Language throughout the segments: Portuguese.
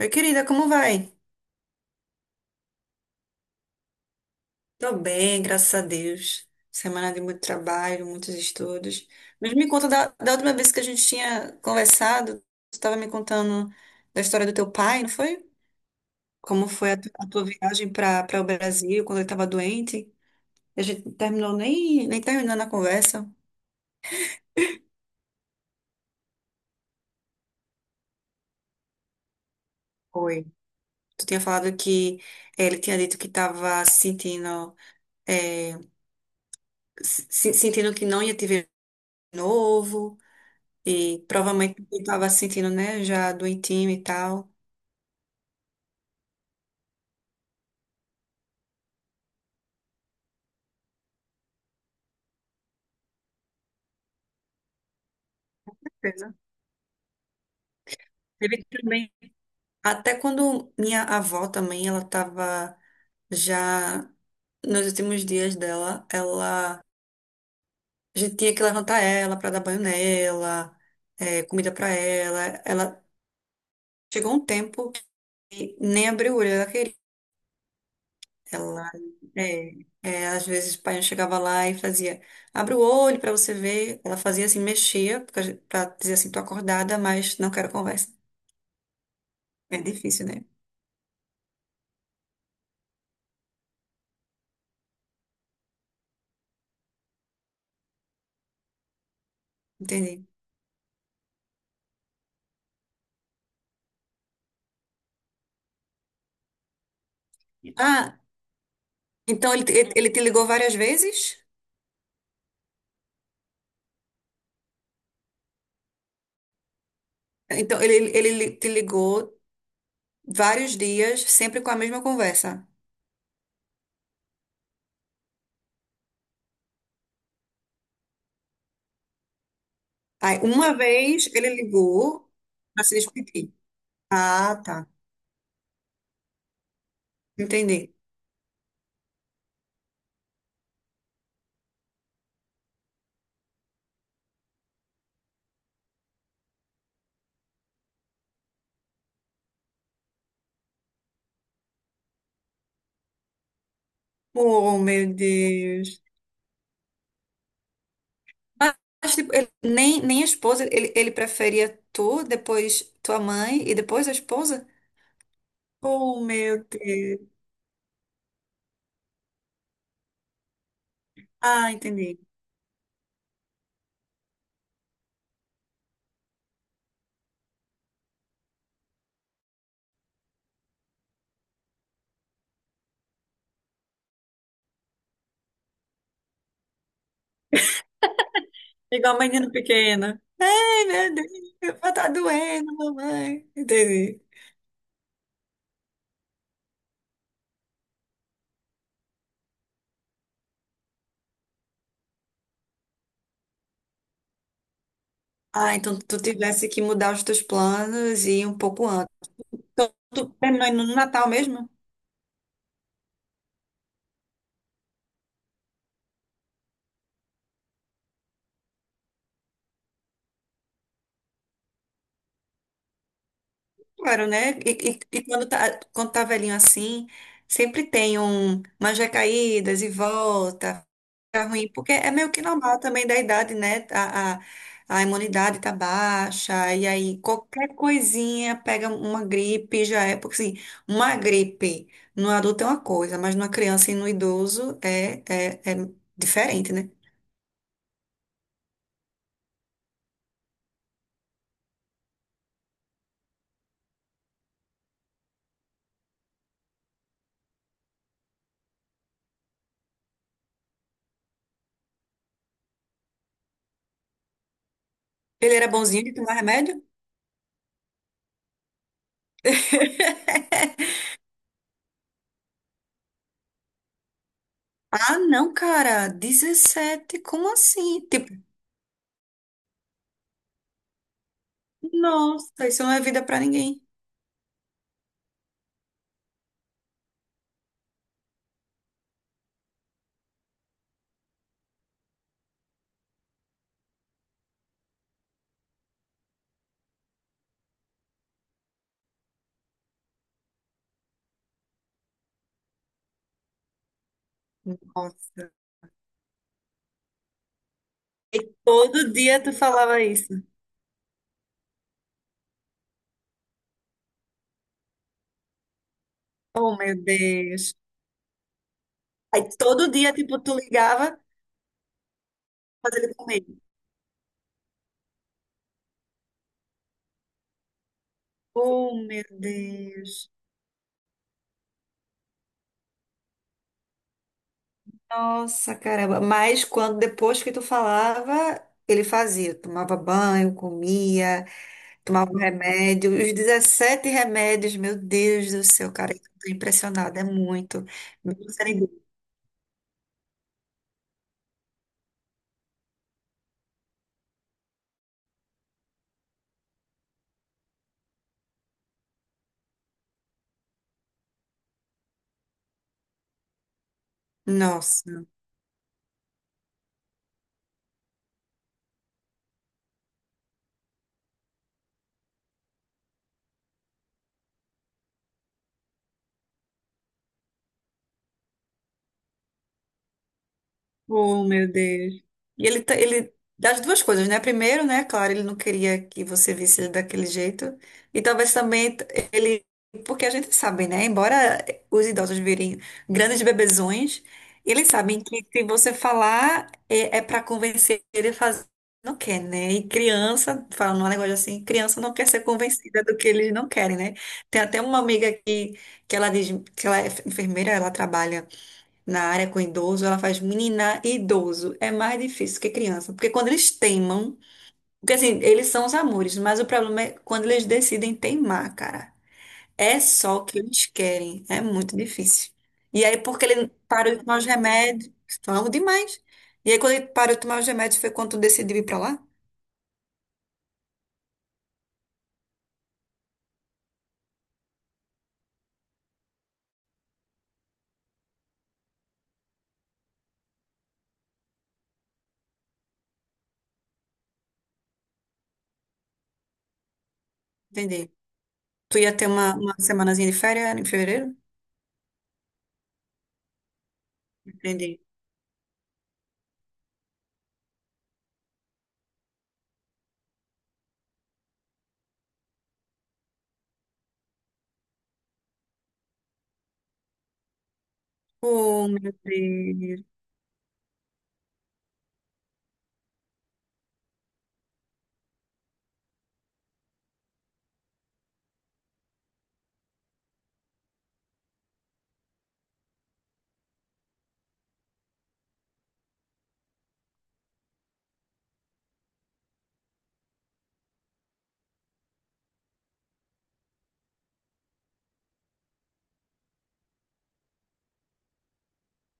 Oi, querida, como vai? Tô bem, graças a Deus. Semana de muito trabalho, muitos estudos. Mas me conta da última vez que a gente tinha conversado, tu estava me contando da história do teu pai, não foi? Como foi a tua viagem para o Brasil quando ele estava doente? A gente não terminou nem terminando a conversa. Foi. Tu tinha falado que ele tinha dito que estava sentindo eh, sentindo que não ia te ver de novo. E provavelmente ele estava se sentindo, né, já doentinho e tal. Certeza. Teve também. Até quando minha avó também, ela estava já nos últimos dias dela, ela a gente tinha que levantar ela para dar banho nela, comida para ela. Ela chegou um tempo que nem a brulha ela queria. Ela, é, às vezes o pai chegava lá e fazia, abre o olho para você ver. Ela fazia assim, mexia para dizer assim, tô acordada, mas não quero conversa. É difícil, né? Entendi. Ah, então ele, ele te ligou várias vezes? Então ele te ligou vários dias, sempre com a mesma conversa. Aí uma vez ele ligou para se despedir. Ah, tá. Entendi. Oh, meu Deus. Mas, tipo, nem a esposa, ele preferia tu, depois tua mãe e depois a esposa? Oh, meu Deus. Ah, entendi. Igual menino pequeno. Ai, meu Deus, meu pé tá doendo, mamãe. Entendi. Ah, então tu tivesse que mudar os teus planos e ir um pouco antes. Então, tu terminou indo no Natal mesmo? Claro, né? E quando tá velhinho assim, sempre tem umas recaídas e volta, ficar ruim, porque é meio que normal também da idade, né? A imunidade tá baixa, e aí qualquer coisinha pega uma gripe, já é, porque assim, uma gripe no adulto é uma coisa, mas numa criança e no idoso é diferente, né? Ele era bonzinho de tomar remédio? Ah, não, cara, 17 como assim? Tipo, nossa, isso não é vida pra ninguém. Nossa. E todo dia tu falava isso. Oh, meu Deus. Aí todo dia, tipo, tu ligava pra ele comer. Oh, meu Deus. Nossa, caramba. Mas quando depois que tu falava, ele fazia, tomava banho, comia, tomava um remédio, os 17 remédios, meu Deus do céu, cara, eu tô impressionada, é muito. Meu Deus, era igual. Nossa. Oh, meu Deus. E ele, ele das duas coisas, né? Primeiro, né? Claro, ele não queria que você visse ele daquele jeito. E talvez também ele, porque a gente sabe, né? Embora os idosos virem grandes bebezões, eles sabem que se você falar é para convencer ele a fazer, não quer, né? E criança, falando um negócio assim, criança não quer ser convencida do que eles não querem, né? Tem até uma amiga que ela diz que ela é enfermeira, ela trabalha na área com idoso, ela faz menina e idoso. É mais difícil que criança, porque quando eles teimam, porque assim, eles são os amores, mas o problema é quando eles decidem teimar, cara. É só o que eles querem, é muito difícil. E aí, porque ele parou de tomar os remédios, falamos demais. E aí, quando ele parou de tomar os remédios, foi quando tu decidiu ir pra lá? Entendi. Tu ia ter uma semanazinha de férias em fevereiro? Entendi. Oh, meu Deus.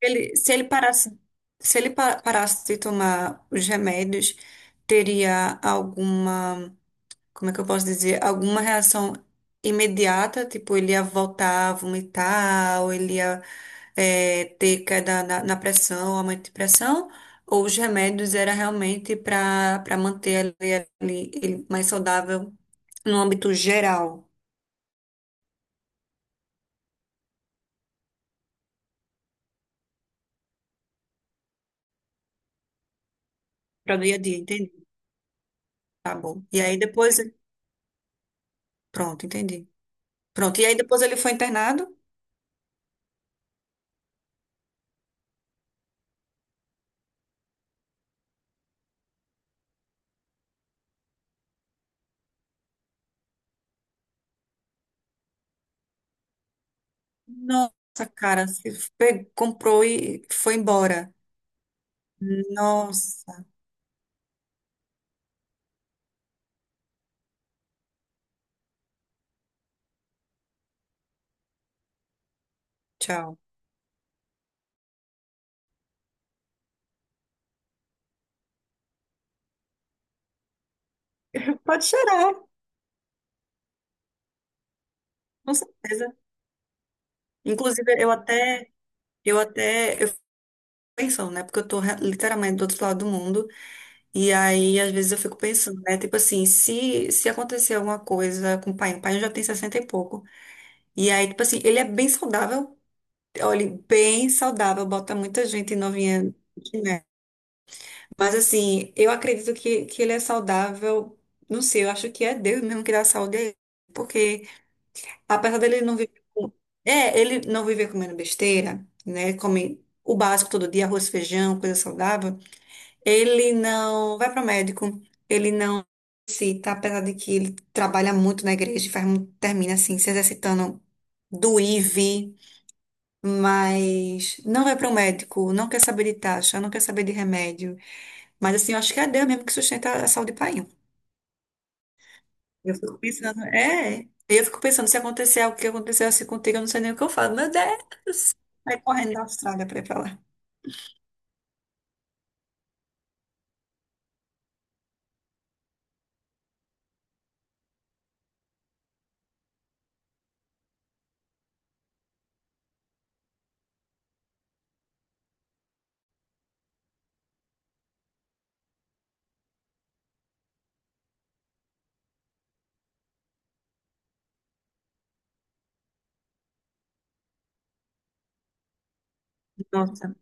Ele, se ele parasse, se ele pa- parasse de tomar os remédios, teria alguma, como é que eu posso dizer, alguma reação imediata, tipo, ele ia voltar a vomitar, ou ele ia ter queda na pressão, aumento de pressão, ou os remédios era realmente para manter ele mais saudável no âmbito geral, para o dia a dia, entendi? Tá bom. E aí depois, pronto, entendi. Pronto, e aí depois ele foi internado? Nossa, cara, você comprou e foi embora. Nossa, tchau. Pode chorar, com certeza. Inclusive, eu fico pensando, né? Porque eu tô literalmente do outro lado do mundo. E aí, às vezes, eu fico pensando, né? Tipo assim, se acontecer alguma coisa com o pai já tem 60 e pouco. E aí, tipo assim, ele é bem saudável. Olha, bem saudável, bota muita gente novinha, né? Mas assim, eu acredito que ele é saudável. Não sei, eu acho que é Deus mesmo que dá saúde a ele. Porque apesar dele não viver com... É, ele não viver comendo besteira, né? Ele come o básico todo dia, arroz, feijão, coisa saudável. Ele não vai para o médico. Ele não se tá, apesar de que ele trabalha muito na igreja, e faz, termina assim, se exercitando do IV, mas não vai para o médico, não quer saber de taxa, não quer saber de remédio. Mas assim, eu acho que é a Deus mesmo que sustenta a saúde do painho. Eu fico pensando, Eu fico pensando, se acontecer algo que aconteceu assim contigo, eu não sei nem o que eu falo. Meu Deus, vai correndo da Austrália pra ir pra lá. Nossa,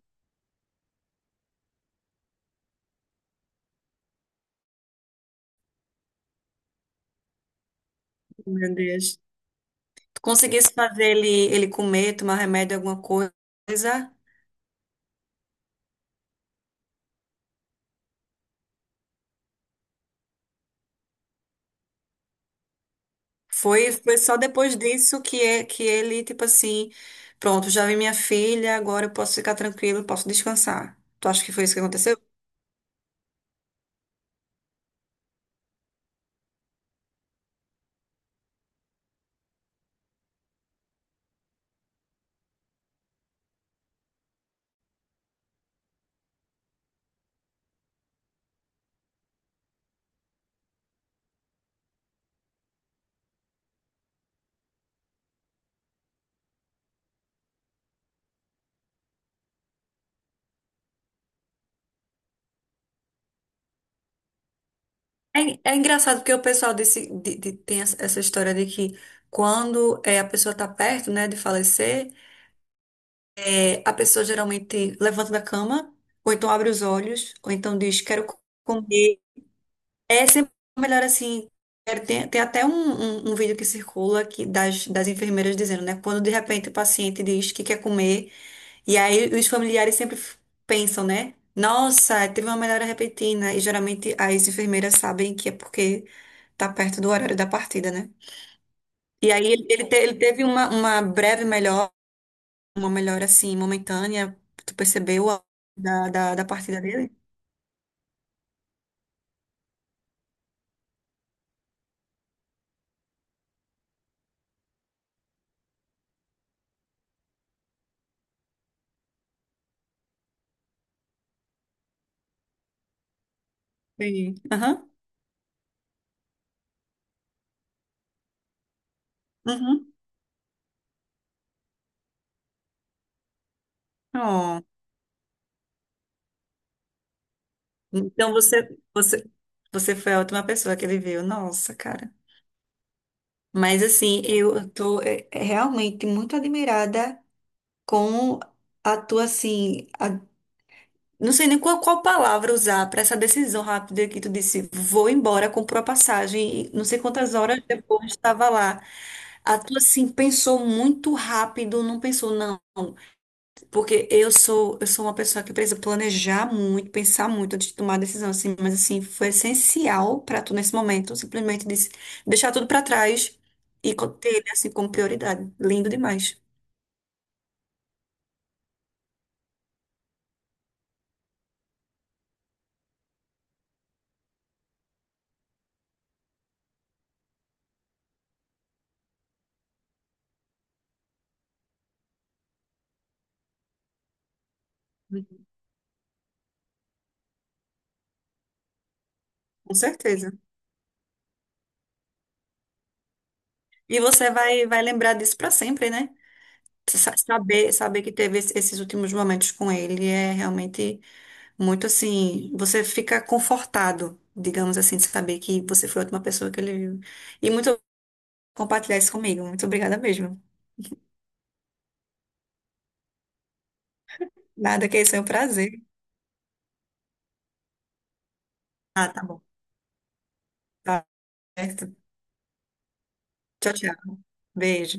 meu Deus. Tu conseguisse fazer ele comer, tomar remédio, alguma coisa. Foi só depois disso que ele, tipo assim, pronto, já vi minha filha, agora eu posso ficar tranquilo, posso descansar. Tu acha que foi isso que aconteceu? É engraçado porque o pessoal tem essa história de que quando a pessoa está perto, né, de falecer, a pessoa geralmente levanta da cama, ou então abre os olhos, ou então diz, quero comer, é sempre melhor assim. Tem até um vídeo que circula que, das enfermeiras dizendo, né? Quando de repente o paciente diz que quer comer, e aí os familiares sempre pensam, né? Nossa, teve uma melhora repentina. E geralmente as enfermeiras sabem que é porque tá perto do horário da partida, né? E aí ele teve uma breve melhora, uma melhora assim, momentânea. Tu percebeu da partida dele? Sim. Aham. Uhum. Oh. Então você foi a última pessoa que ele viu. Nossa, cara. Mas assim, eu tô realmente muito admirada com a tua, assim, não sei nem qual palavra usar para essa decisão rápida que tu disse, vou embora, comprou a passagem, e não sei quantas horas depois estava lá. A tua, assim, pensou muito rápido, não pensou, não. Porque eu sou uma pessoa que precisa planejar muito, pensar muito antes de tomar a decisão, assim, mas assim, foi essencial para tu nesse momento, simplesmente disse, deixar tudo para trás e ter ele assim como prioridade. Lindo demais, com certeza. E você vai lembrar disso para sempre, né? Saber que teve esses últimos momentos com ele é realmente muito assim, você fica confortado, digamos assim, de saber que você foi a última pessoa que ele viu. E muito compartilhar isso comigo. Muito obrigada mesmo. Nada que esse é um prazer. Ah, tá bom. Tá certo. Tchau, tchau. Beijo.